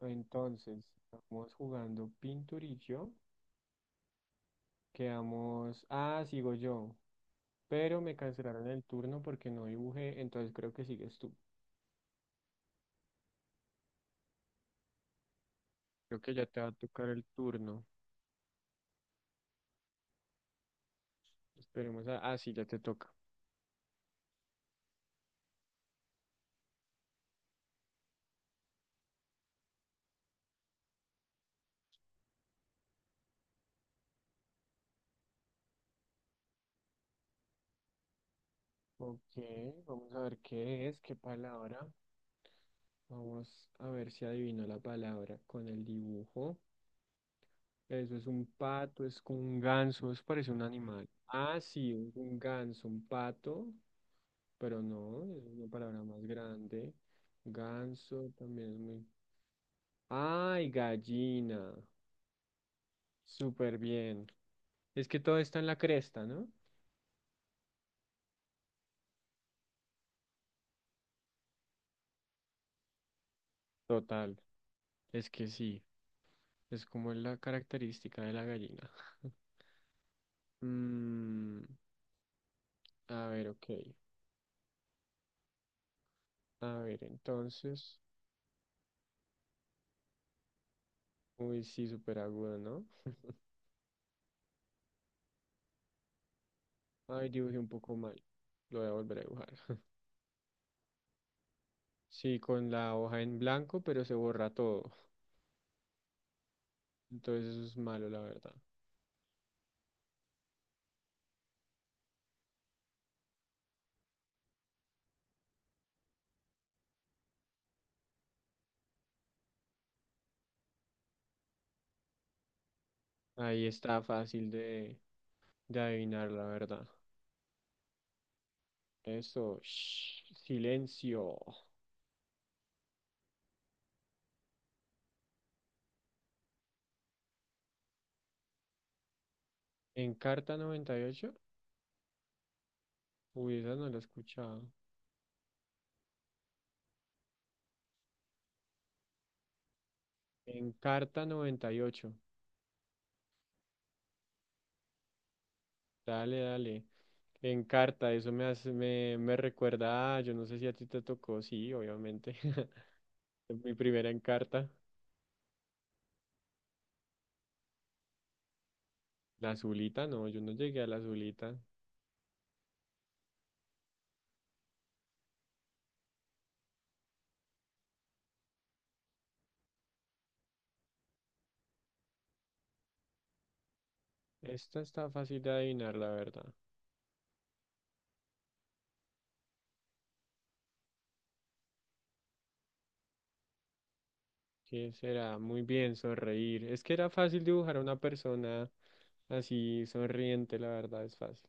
Entonces, estamos jugando Pinturillo. Quedamos. Ah, sigo yo. Pero me cancelaron el turno porque no dibujé. Entonces creo que sigues tú. Creo que ya te va a tocar el turno. Esperemos a. Ah, sí, ya te toca. Ok, vamos a ver qué es, qué palabra. Vamos a ver si adivino la palabra con el dibujo. Eso es un pato, es como un ganso, eso parece un animal. Ah, sí, un ganso, un pato. Pero no, es una palabra más grande. Ganso también es muy... ¡Ay, gallina! Súper bien. Es que todo está en la cresta, ¿no? Total. Es que sí. Es como la característica de la gallina. Mm, a ver, ok. A ver, entonces. Uy, sí, súper agudo, ¿no? Ay, dibujé un poco mal. Lo voy a volver a dibujar. Sí, con la hoja en blanco, pero se borra todo. Entonces eso es malo, la verdad. Ahí está fácil de adivinar la verdad. Eso, shh, silencio. En carta 98, uy, esa no la he escuchado. En carta 98, dale, dale. En carta, eso me hace, me recuerda, a- yo no sé si a ti te tocó, sí, obviamente. Mi primera encarta, la azulita, no, yo no llegué a la azulita. Esta está fácil de adivinar, la verdad. ¿Qué será? Muy bien, sonreír. Es que era fácil dibujar a una persona así sonriente, la verdad, es fácil.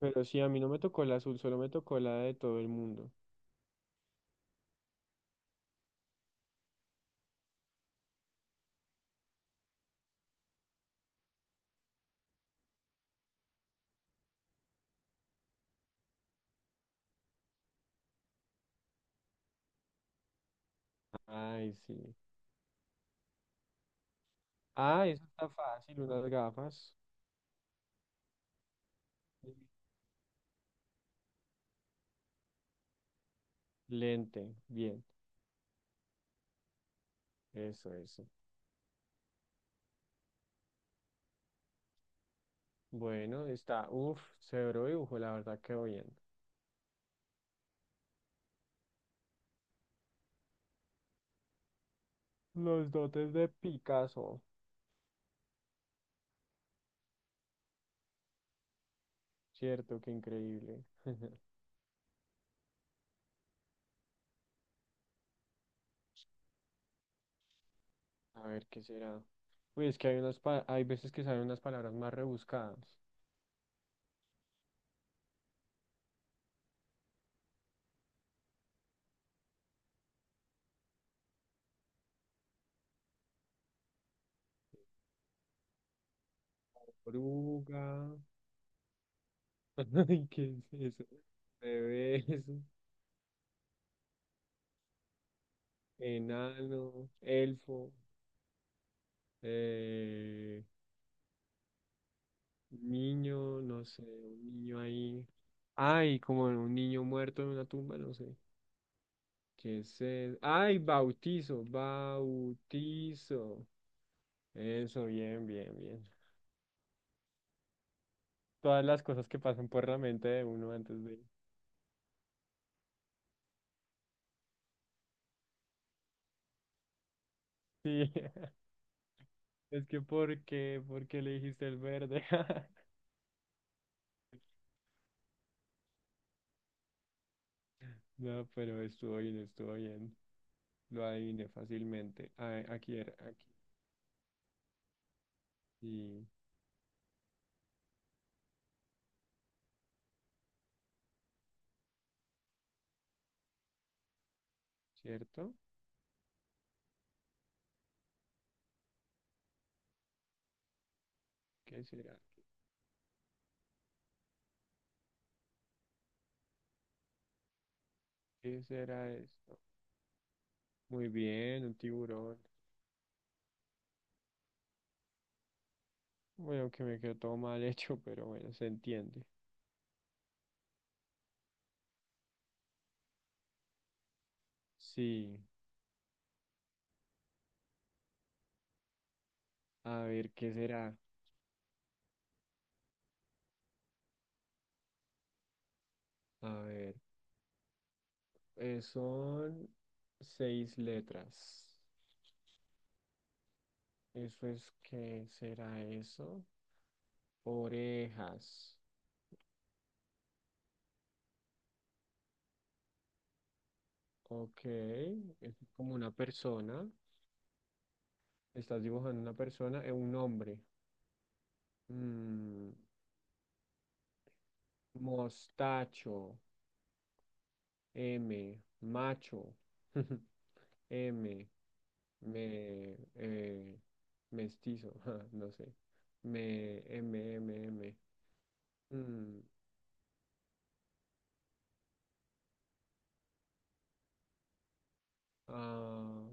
Pero sí, a mí no me tocó la azul, solo me tocó la de todo el mundo. Ay, sí. Ah, eso está fácil, unas gafas. Lente, bien, eso, eso. Bueno, está, uff, severo dibujo, la verdad, quedó bien. Los dotes de Picasso, cierto, qué increíble. A ver, ¿qué será? Uy, es que hay unas, pa- hay veces que salen unas palabras más rebuscadas. Oruga, ay, ¿qué es eso? Bebés, enano, elfo. eh, Niño, no sé, un niño ahí. Ay, como un niño muerto en una tumba, no sé. ¿Qué es eso? Ay, bautizo, bautizo. Eso, bien, bien, bien. Todas las cosas que pasan por la mente de uno antes de... Sí, es que ¿por qué? ¿Por qué le dijiste el verde? No, pero estuvo bien, estuvo bien. Lo adiviné fácilmente. Ah, aquí era, aquí. Sí, ¿cierto? ¿Qué será? ¿Qué será esto? Muy bien, un tiburón. Bueno, que me quedó todo mal hecho, pero bueno, se entiende. Sí, a ver, ¿qué será? A ver, son 6 letras. ¿Eso es qué será eso? Orejas. Ok, es como una persona. Estás dibujando una persona, es un hombre. Mm, mostacho, M, macho, M. me, eh, Mestizo, ja, no sé, me, M, M, M. Mm, ah,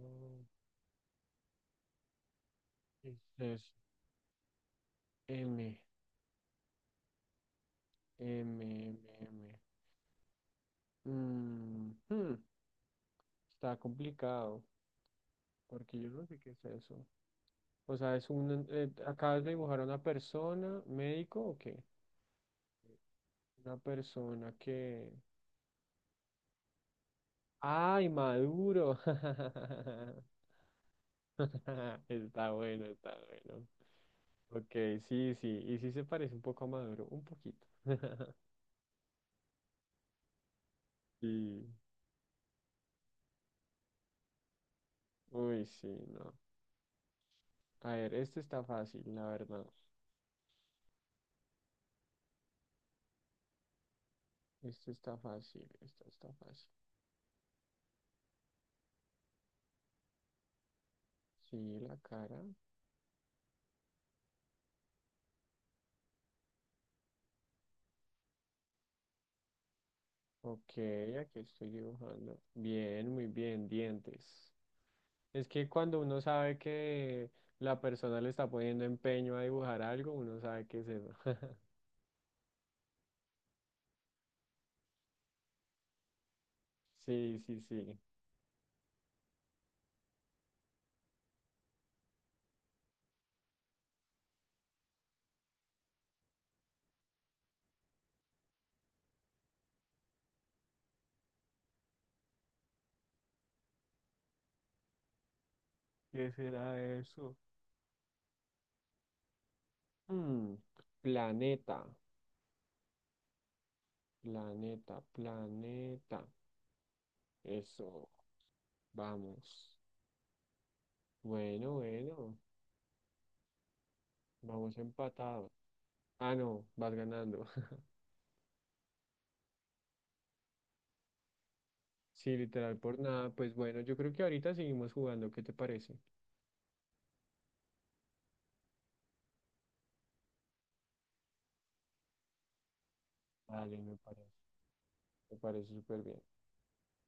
¿qué es eso? M, M, M, M. Mm, hmm, está complicado, porque yo no sé qué es eso. O sea, es un, acabas de dibujar a una persona, ¿médico o qué? Una persona que... ¡Ay, maduro! Está bueno, está bueno. Ok, sí, sí, y sí se parece un poco a Maduro, un poquito. Sí, uy, sí, no. A ver, este está fácil, la verdad. Este está fácil, esta está fácil. Sí, la cara. Ok, aquí estoy dibujando. Bien, muy bien, dientes. Es que cuando uno sabe que la persona le está poniendo empeño a dibujar algo, uno sabe qué es eso. Sí, sí, sí. ¿Qué será eso? Mm, planeta. Planeta, planeta. Eso, vamos. Bueno, bueno, vamos empatados. Ah, no, vas ganando. Sí, literal, por nada. Pues bueno, yo creo que ahorita seguimos jugando. ¿Qué te parece? Dale, me parece. Me parece súper bien.